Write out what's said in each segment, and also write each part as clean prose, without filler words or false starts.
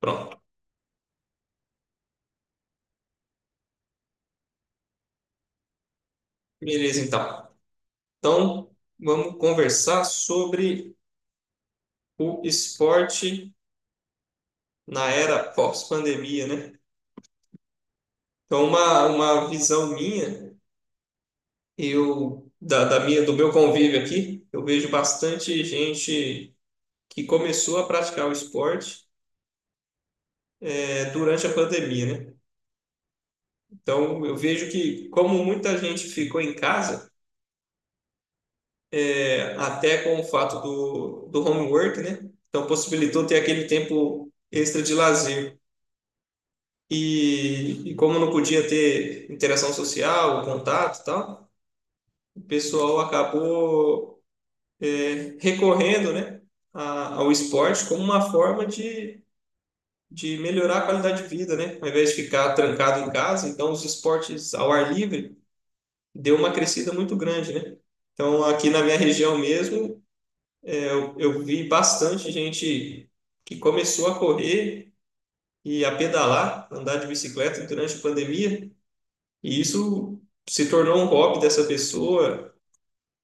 Pronto. Beleza, então. Então, vamos conversar sobre o esporte na era pós-pandemia, né? Então, uma visão minha, eu da minha do meu convívio aqui, eu vejo bastante gente que começou a praticar o esporte durante a pandemia, né? Então, eu vejo que, como muita gente ficou em casa, até com o fato do homework, né? Então, possibilitou ter aquele tempo extra de lazer. E como não podia ter interação social, contato e tal, o pessoal acabou recorrendo, né, ao esporte como uma forma de melhorar a qualidade de vida, né? Ao invés de ficar trancado em casa, então os esportes ao ar livre deu uma crescida muito grande, né? Então aqui na minha região mesmo, eu vi bastante gente que começou a correr e a pedalar, andar de bicicleta durante a pandemia. E isso se tornou um hobby dessa pessoa.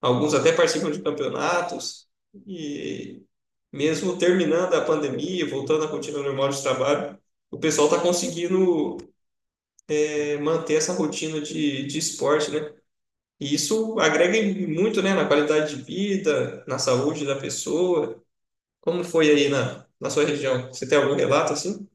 Alguns até participam de campeonatos. E mesmo terminando a pandemia, voltando à rotina normal de trabalho, o pessoal está conseguindo manter essa rotina de esporte, né? E isso agrega muito, né, na qualidade de vida, na saúde da pessoa. Como foi aí na sua região? Você tem algum relato assim?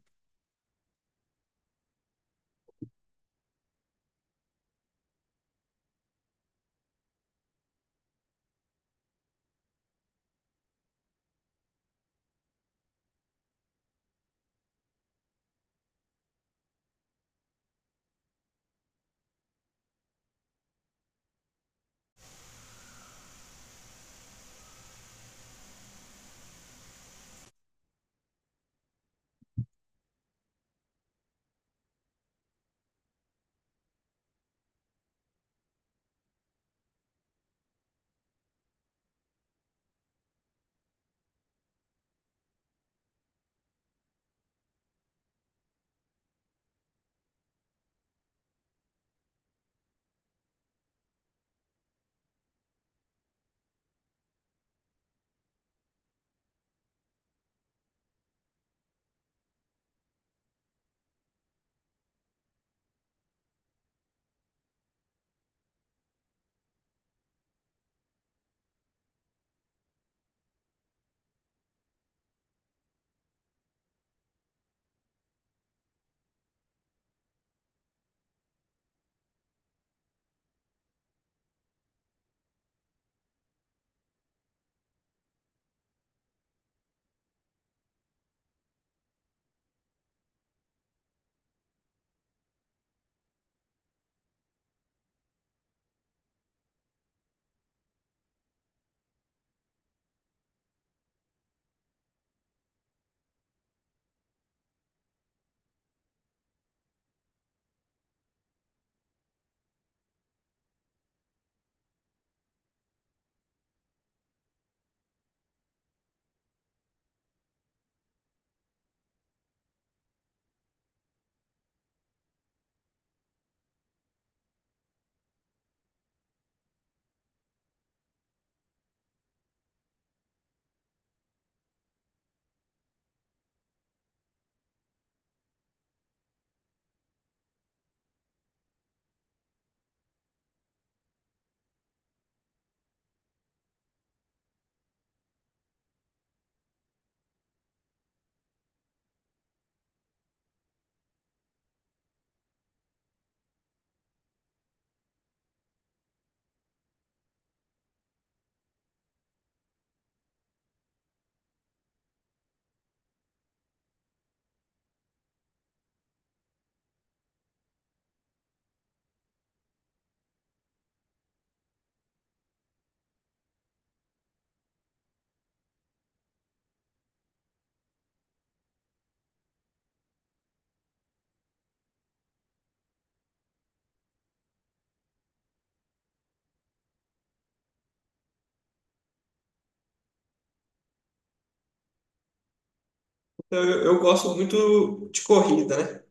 Eu gosto muito de corrida, né?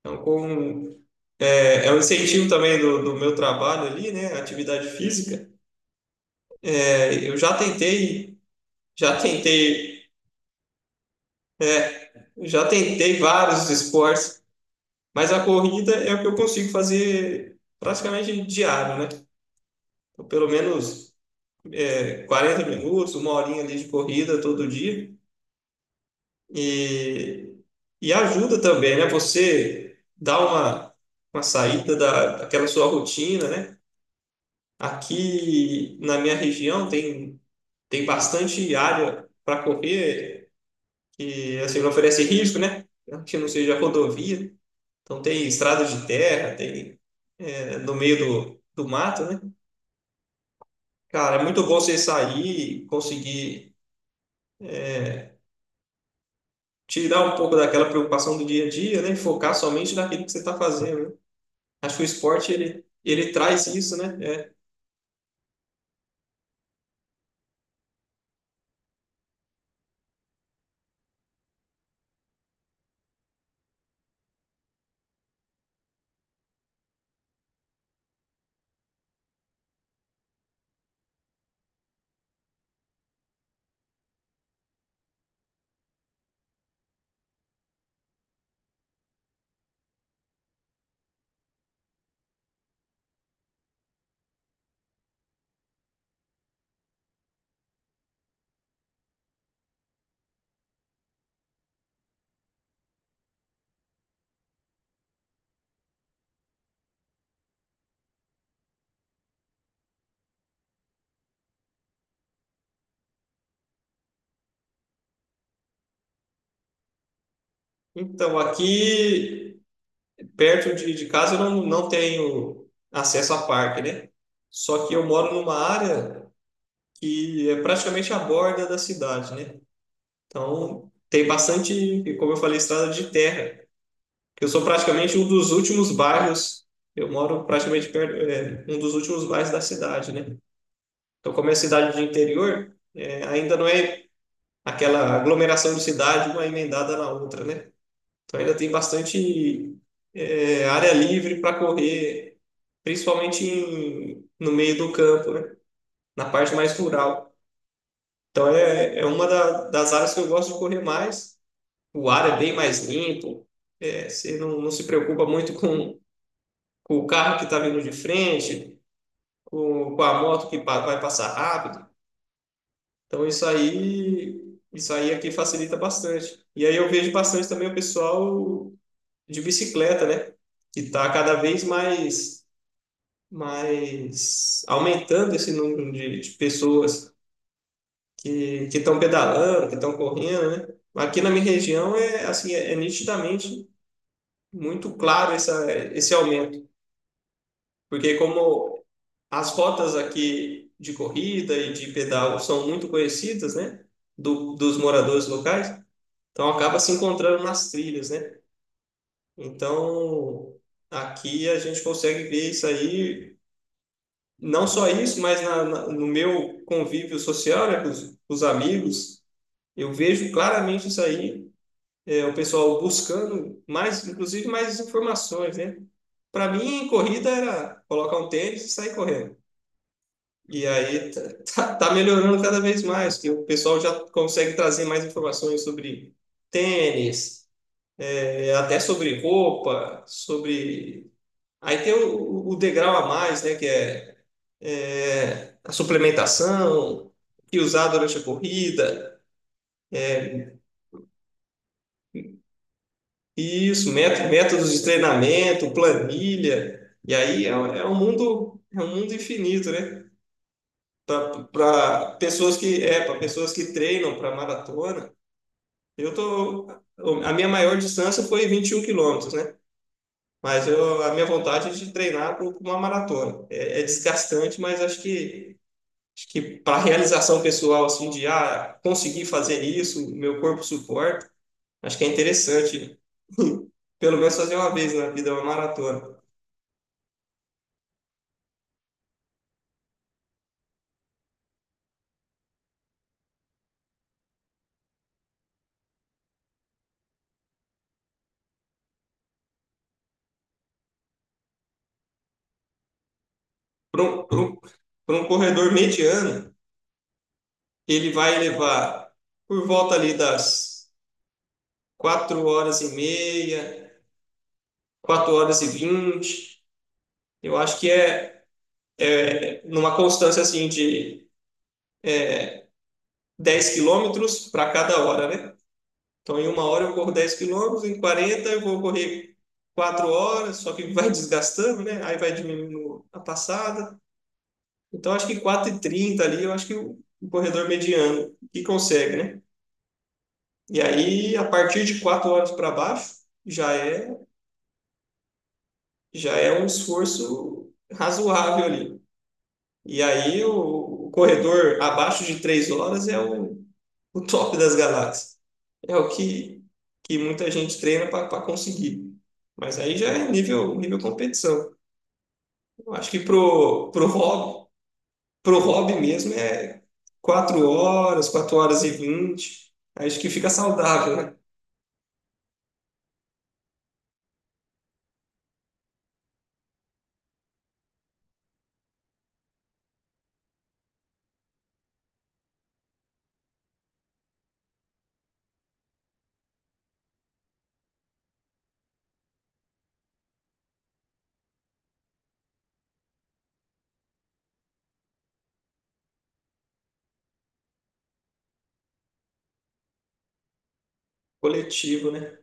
Então, com É um incentivo também do meu trabalho ali, né? Atividade física. Eu já tentei, já tentei, já tentei vários esportes, mas a corrida é o que eu consigo fazer praticamente diário, né? Então, pelo menos 40 minutos, uma horinha ali de corrida todo dia. E, e ajuda também, né? Você dá uma saída daquela sua rotina, né? Aqui na minha região tem bastante área para correr que assim não oferece risco, né? Que não seja rodovia. Então tem estrada de terra, tem no meio do mato, né? Cara, é muito bom você sair e conseguir tirar um pouco daquela preocupação do dia a dia, né? E focar somente naquilo que você está fazendo, né? Acho que o esporte ele traz isso, né? É. Então aqui perto de casa eu não, não tenho acesso a parque, né? Só que eu moro numa área que é praticamente a borda da cidade, né? Então, tem bastante, como eu falei, estrada de terra. Eu sou praticamente um dos últimos bairros, eu moro praticamente perto, um dos últimos bairros da cidade, né? Então, como é cidade de interior, é, ainda não é aquela aglomeração de cidade, uma emendada na outra, né? Então, ainda tem bastante área livre para correr, principalmente no meio do campo, né? Na parte mais rural. Então é uma das áreas que eu gosto de correr mais. O ar é bem mais limpo, você não, não se preocupa muito com o carro que está vindo de frente, com a moto que vai passar rápido. Então isso aí aqui facilita bastante. E aí eu vejo bastante também o pessoal de bicicleta, né? Que está cada vez mais aumentando esse número de pessoas que estão pedalando, que estão correndo, né? Aqui na minha região é assim, é nitidamente muito claro esse aumento, porque como as rotas aqui de corrida e de pedal são muito conhecidas, né, dos moradores locais, então acaba se encontrando nas trilhas, né? Então aqui a gente consegue ver isso aí, não só isso, mas no meu convívio social, né, com os amigos, eu vejo claramente isso aí. O pessoal buscando mais, inclusive mais informações, né? Para mim, corrida era colocar um tênis e sair correndo. E aí tá, tá melhorando cada vez mais, que o pessoal já consegue trazer mais informações sobre tênis, é, até sobre roupa, sobre. Aí tem o degrau a mais, né? É a suplementação, que usar durante a corrida. Isso, métodos de treinamento, planilha. E aí é um mundo infinito, né? Para pessoas que treinam para maratona. Eu tô A minha maior distância foi 21 quilômetros, né? Mas eu, a minha vontade é de treinar para uma maratona. É, é desgastante, mas acho que para realização pessoal assim de ah, conseguir fazer isso, meu corpo suporta. Acho que é interessante. Pelo menos fazer uma vez na vida uma maratona. Para um, pra um, pra um corredor mediano, ele vai levar por volta ali das 4 horas e meia, 4 horas e vinte. Eu acho que é numa constância assim de 10 quilômetros para cada hora, né? Então, em uma hora eu corro 10 quilômetros, em 40 eu vou correr 4 horas, só que vai desgastando, né? Aí vai diminuindo a passada. Então, acho que quatro e trinta ali, eu acho que o corredor mediano que consegue, né? E aí, a partir de quatro horas para baixo, já é, já é um esforço razoável ali. E aí, o corredor abaixo de três horas é o top das galáxias. É que muita gente treina para conseguir. Mas aí já é nível, nível competição. Eu acho que pro hobby mesmo é quatro horas e vinte. Acho que fica saudável, né? Coletivo, né?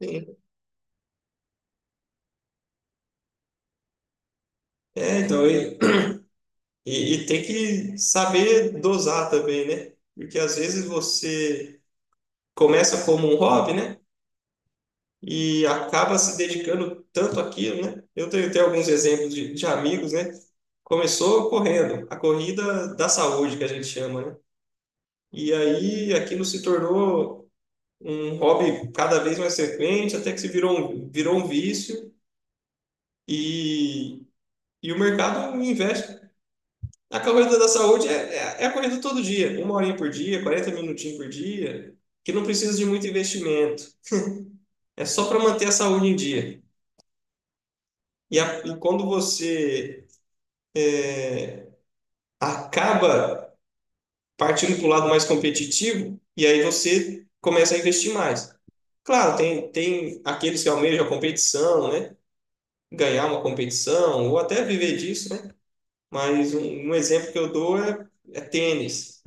Sim. É, então, eu, e tem que saber dosar também, né? Porque às vezes você começa como um hobby, né? E acaba se dedicando tanto àquilo, né? Eu tenho, tenho alguns exemplos de amigos, né? Começou correndo, a corrida da saúde, que a gente chama, né? E aí aquilo se tornou um hobby cada vez mais frequente, até que se virou virou um vício e, e o mercado investe. A corrida da saúde é a corrida todo dia, uma horinha por dia, 40 minutinhos por dia, que não precisa de muito investimento. É só para manter a saúde em dia. E quando você é, acaba partindo para o lado mais competitivo, e aí você começa a investir mais. Claro, tem, tem aqueles que almejam a competição, né? Ganhar uma competição, ou até viver disso, né? Mas um exemplo que eu dou é tênis.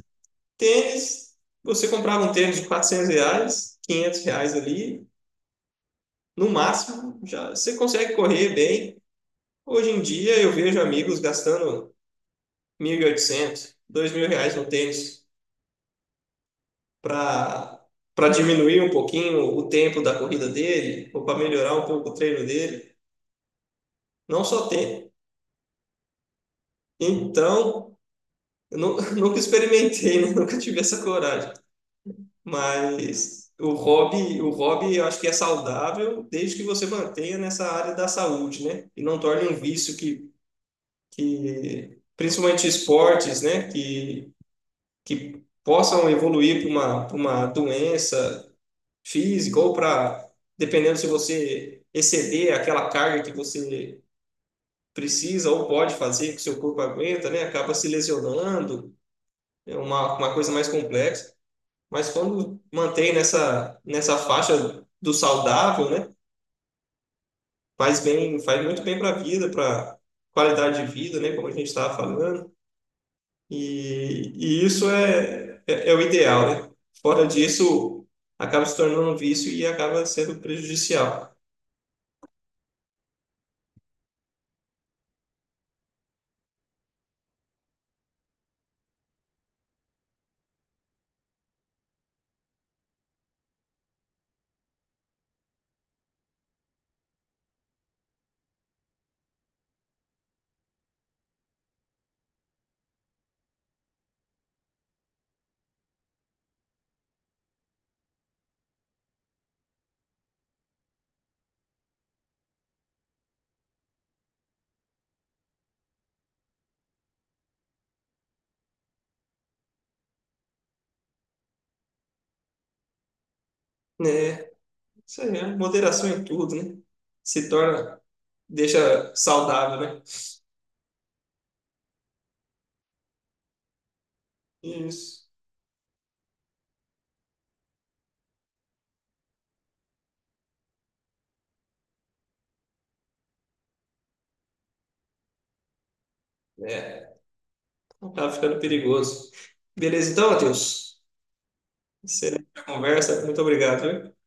Tênis, você comprava um tênis de 400 reais, 500 reais ali, no máximo, já você consegue correr bem. Hoje em dia eu vejo amigos gastando mil e oitocentos, dois mil reais no tênis para para diminuir um pouquinho o tempo da corrida dele, ou para melhorar um pouco o treino dele. Não só tênis. Então, nunca experimentei, né? Nunca tive essa coragem. Mas o hobby eu acho que é saudável desde que você mantenha nessa área da saúde, né? E não torne um vício que principalmente esportes, né? Que possam evoluir para para uma doença física ou para, dependendo se você exceder aquela carga que você precisa ou pode fazer, que o seu corpo aguenta, né? Acaba se lesionando, é uma coisa mais complexa. Mas quando mantém nessa faixa do saudável, né? Faz bem, faz muito bem para a vida, para qualidade de vida, né? Como a gente estava falando. É o ideal, né? Fora disso, acaba se tornando um vício e acaba sendo prejudicial, né? Isso aí, é moderação em tudo, né? Se torna, deixa saudável, né? Isso. É, acaba ficando perigoso. Beleza, então, Matheus? Excelente a conversa. Muito obrigado, viu?